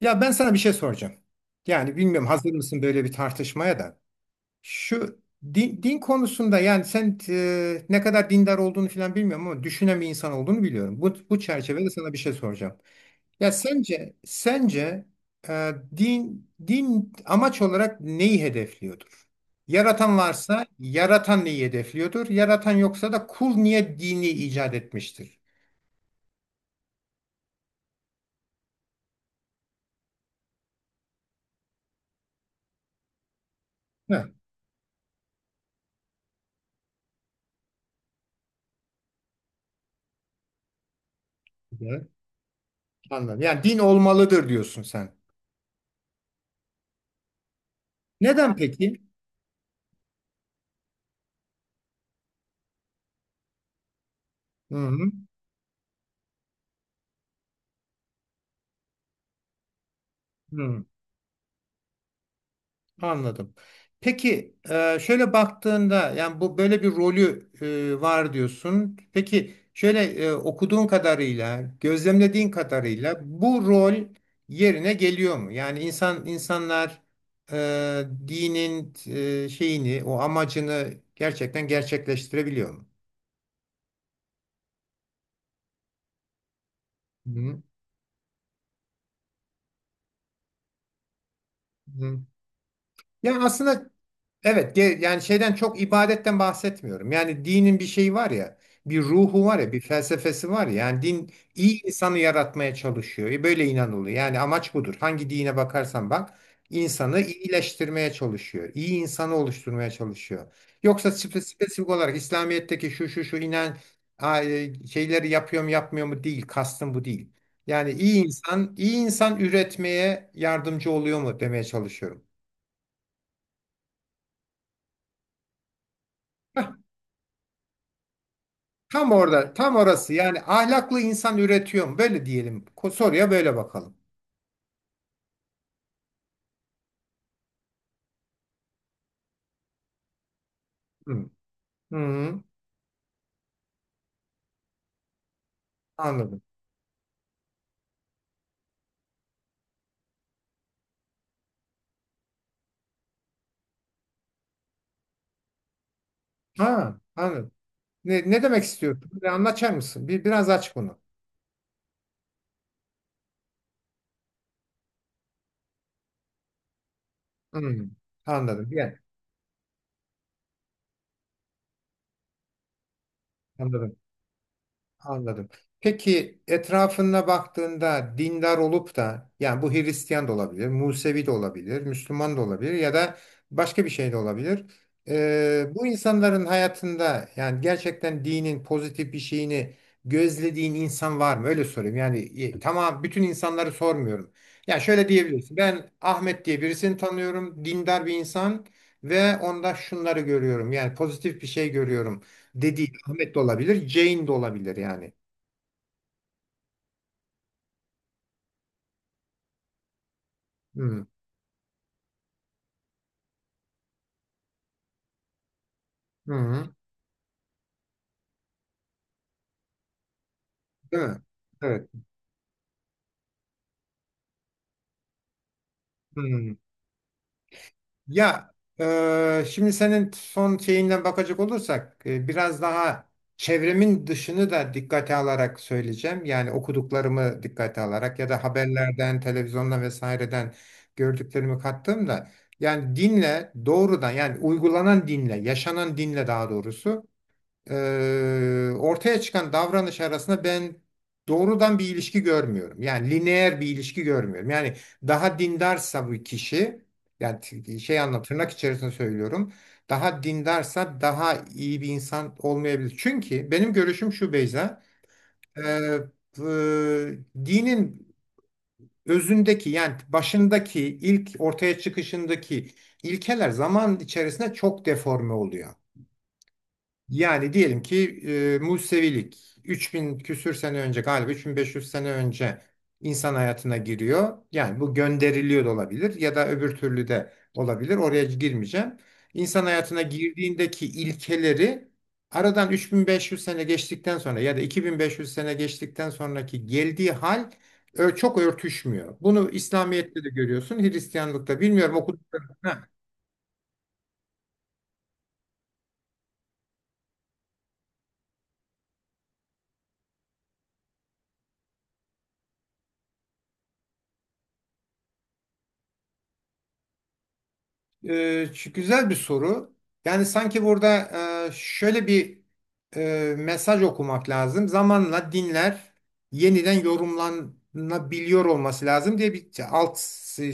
Ya ben sana bir şey soracağım. Yani bilmiyorum hazır mısın böyle bir tartışmaya da. Şu din konusunda yani sen ne kadar dindar olduğunu falan bilmiyorum ama düşünen bir insan olduğunu biliyorum. Bu çerçevede sana bir şey soracağım. Ya sence din amaç olarak neyi hedefliyordur? Yaratan varsa yaratan neyi hedefliyordur? Yaratan yoksa da kul niye dini icat etmiştir? Heh, güzel, anladım. Yani din olmalıdır diyorsun sen. Neden peki? Hı hı, hı, anladım. Peki şöyle baktığında yani bu böyle bir rolü var diyorsun. Peki şöyle okuduğun kadarıyla, gözlemlediğin kadarıyla bu rol yerine geliyor mu? Yani insanlar dinin şeyini, o amacını gerçekten gerçekleştirebiliyor mu? Hı hı. Yani aslında. Evet, yani şeyden çok ibadetten bahsetmiyorum. Yani dinin bir şeyi var ya, bir ruhu var ya, bir felsefesi var ya. Yani din iyi insanı yaratmaya çalışıyor. E böyle inanılıyor. Yani amaç budur. Hangi dine bakarsan bak, insanı iyileştirmeye çalışıyor. İyi insanı oluşturmaya çalışıyor. Yoksa spesifik olarak İslamiyet'teki şu şu şu inen şeyleri yapıyor mu yapmıyor mu değil. Kastım bu değil. Yani iyi insan, iyi insan üretmeye yardımcı oluyor mu demeye çalışıyorum. Tam orada, tam orası. Yani ahlaklı insan üretiyor mu? Böyle diyelim. Soruya böyle bakalım. Hı. Hı, anladım. Ha, anladım. Ne demek istiyorsun? Bir anlatır mısın? Biraz aç bunu. Hı, anladım. Yani, anladım. Anladım. Peki etrafına baktığında dindar olup da yani bu Hristiyan da olabilir, Musevi de olabilir, Müslüman da olabilir ya da başka bir şey de olabilir. Bu insanların hayatında yani gerçekten dinin pozitif bir şeyini gözlediğin insan var mı? Öyle sorayım. Yani tamam bütün insanları sormuyorum. Yani şöyle diyebilirsin. Ben Ahmet diye birisini tanıyorum. Dindar bir insan ve onda şunları görüyorum. Yani pozitif bir şey görüyorum dediğin Ahmet de olabilir, Jane de olabilir yani. Hmm. Hı hı. Değil mi? Evet. Hı. Ya şimdi senin son şeyinden bakacak olursak biraz daha çevremin dışını da dikkate alarak söyleyeceğim. Yani okuduklarımı dikkate alarak ya da haberlerden, televizyondan vesaireden gördüklerimi kattığımda yani dinle doğrudan yani uygulanan dinle, yaşanan dinle daha doğrusu e, ortaya çıkan davranış arasında ben doğrudan bir ilişki görmüyorum. Yani lineer bir ilişki görmüyorum. Yani daha dindarsa bu kişi, yani şey anlamı tırnak içerisinde söylüyorum. Daha dindarsa daha iyi bir insan olmayabilir. Çünkü benim görüşüm şu Beyza, e, e, dinin özündeki yani başındaki ilk ortaya çıkışındaki ilkeler zaman içerisinde çok deforme oluyor. Yani diyelim ki Musevilik 3000 küsür sene önce galiba 3500 sene önce insan hayatına giriyor. Yani bu gönderiliyor da olabilir ya da öbür türlü de olabilir. Oraya girmeyeceğim. İnsan hayatına girdiğindeki ilkeleri aradan 3500 sene geçtikten sonra ya da 2500 sene geçtikten sonraki geldiği hal çok örtüşmüyor. Bunu İslamiyet'te de görüyorsun, Hristiyanlık'ta bilmiyorum okuduklarım. Güzel bir soru. Yani sanki burada şöyle bir mesaj okumak lazım. Zamanla dinler yeniden yorumlanabiliyor olması lazım diye bir alt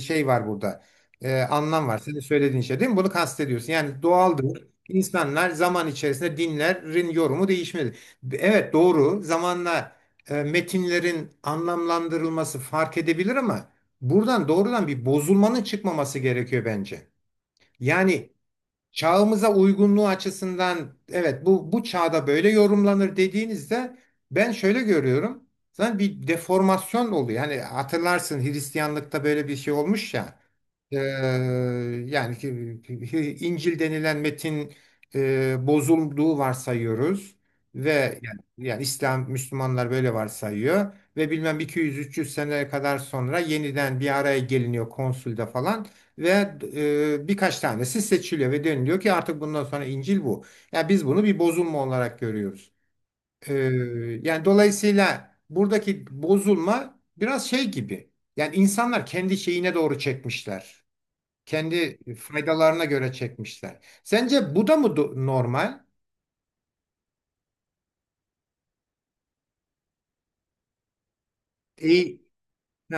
şey var burada. Anlam var. Senin söylediğin şey değil mi? Bunu kastediyorsun. Yani doğaldır. İnsanlar zaman içerisinde dinlerin yorumu değişmedi. Evet doğru. Zamanla metinlerin anlamlandırılması fark edebilir ama buradan doğrudan bir bozulmanın çıkmaması gerekiyor bence. Yani çağımıza uygunluğu açısından evet bu bu çağda böyle yorumlanır dediğinizde ben şöyle görüyorum. Zaten bir deformasyon oluyor. Yani hatırlarsın Hristiyanlıkta böyle bir şey olmuş ya. Ee, yani İncil denilen metin bozulduğu varsayıyoruz ve yani İslam Müslümanlar böyle varsayıyor ve bilmem 200-300 sene kadar sonra yeniden bir araya geliniyor konsülde falan. Ve birkaç tanesi seçiliyor ve deniliyor ki artık bundan sonra İncil bu. Yani biz bunu bir bozulma olarak görüyoruz. E, yani dolayısıyla buradaki bozulma biraz şey gibi. Yani insanlar kendi şeyine doğru çekmişler. Kendi faydalarına göre çekmişler. Sence bu da mı normal? E, he,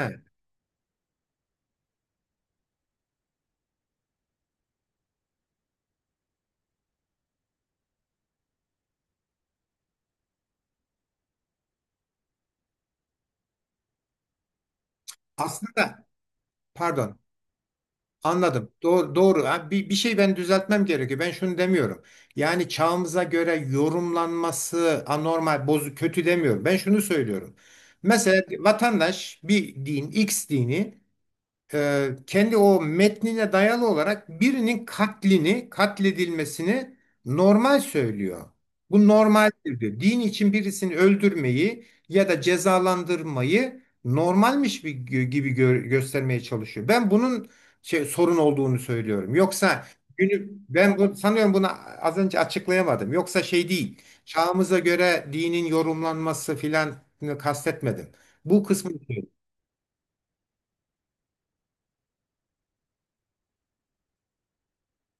Aslında pardon. Anladım. Doğru, doğru. Ha, bir şey ben düzeltmem gerekiyor. Ben şunu demiyorum. Yani çağımıza göre yorumlanması anormal, bozuk, kötü demiyorum. Ben şunu söylüyorum. Mesela vatandaş bir din, X dini kendi o metnine dayalı olarak birinin katlini, katledilmesini normal söylüyor. Bu normaldir diyor. Din için birisini öldürmeyi ya da cezalandırmayı normalmiş bir gibi göstermeye çalışıyor. Ben bunun sorun olduğunu söylüyorum. Yoksa günü ben bu, sanıyorum bunu az önce açıklayamadım. Yoksa şey değil. Çağımıza göre dinin yorumlanması filan kastetmedim. Bu kısmı.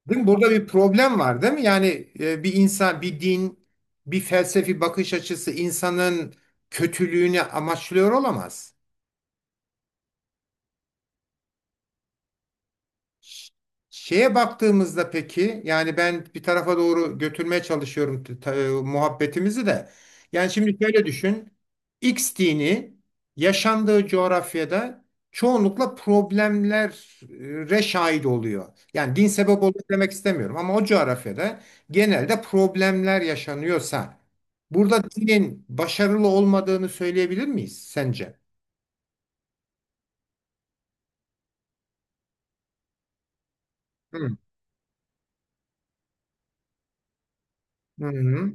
Değil mi? Burada bir problem var değil mi? Yani bir insan, bir din, bir felsefi bakış açısı insanın kötülüğünü amaçlıyor olamaz. Şeye baktığımızda peki yani ben bir tarafa doğru götürmeye çalışıyorum muhabbetimizi de. Yani şimdi şöyle düşün. X dini yaşandığı coğrafyada çoğunlukla problemlere şahit oluyor. Yani din sebep olur demek istemiyorum ama o coğrafyada genelde problemler yaşanıyorsa burada dinin başarılı olmadığını söyleyebilir miyiz sence? Hı. Hı hı.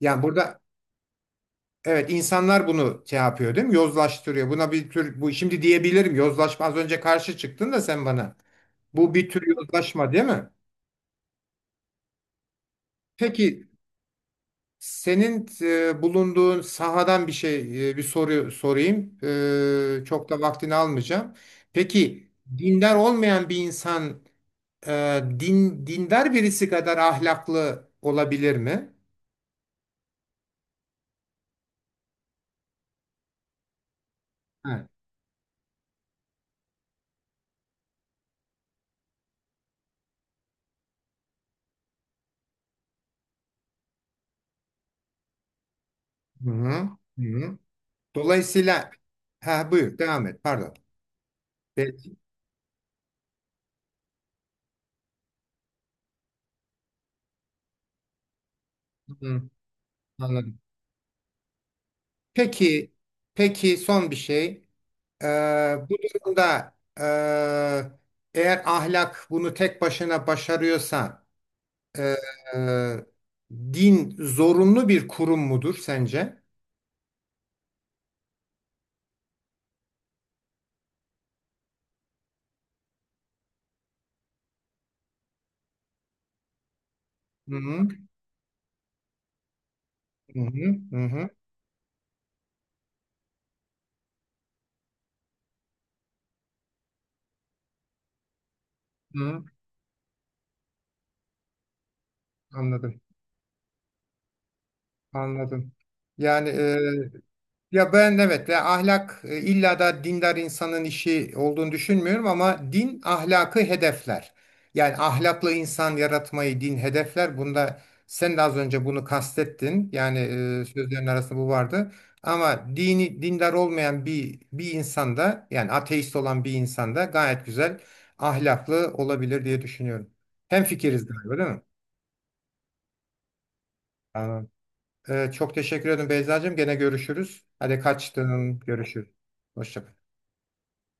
Yani burada. Evet, insanlar bunu şey yapıyor değil mi? Yozlaştırıyor. Buna bir tür bu şimdi diyebilirim yozlaşma az önce karşı çıktın da sen bana. Bu bir tür yozlaşma değil mi? Peki senin bulunduğun sahadan bir şey bir soru sorayım. Çok da vaktini almayacağım. Peki dindar olmayan bir insan dindar birisi kadar ahlaklı olabilir mi? Ha. Hı hı. Hı hı. Dolayısıyla, ha, buyur devam et pardon. Ben- Hı, anladım. Peki, peki son bir şey. Bu durumda eğer ahlak bunu tek başına başarıyorsa e, e, din zorunlu bir kurum mudur sence? Hı hı, hı hı, hı hı, hı. Anladım, anladım. Yani. Ya ben evet, ya ahlak illa da dindar insanın işi olduğunu düşünmüyorum ama din ahlakı hedefler. Yani ahlaklı insan yaratmayı din hedefler. Bunda sen de az önce bunu kastettin. Yani sözlerin arasında bu vardı. Ama dini dindar olmayan bir insanda yani ateist olan bir insanda gayet güzel ahlaklı olabilir diye düşünüyorum. Hemfikiriz galiba değil mi? Tamam. Çok teşekkür ederim Beyzacığım. Gene görüşürüz. Hadi kaçtın. Görüşürüz. Hoşça kal.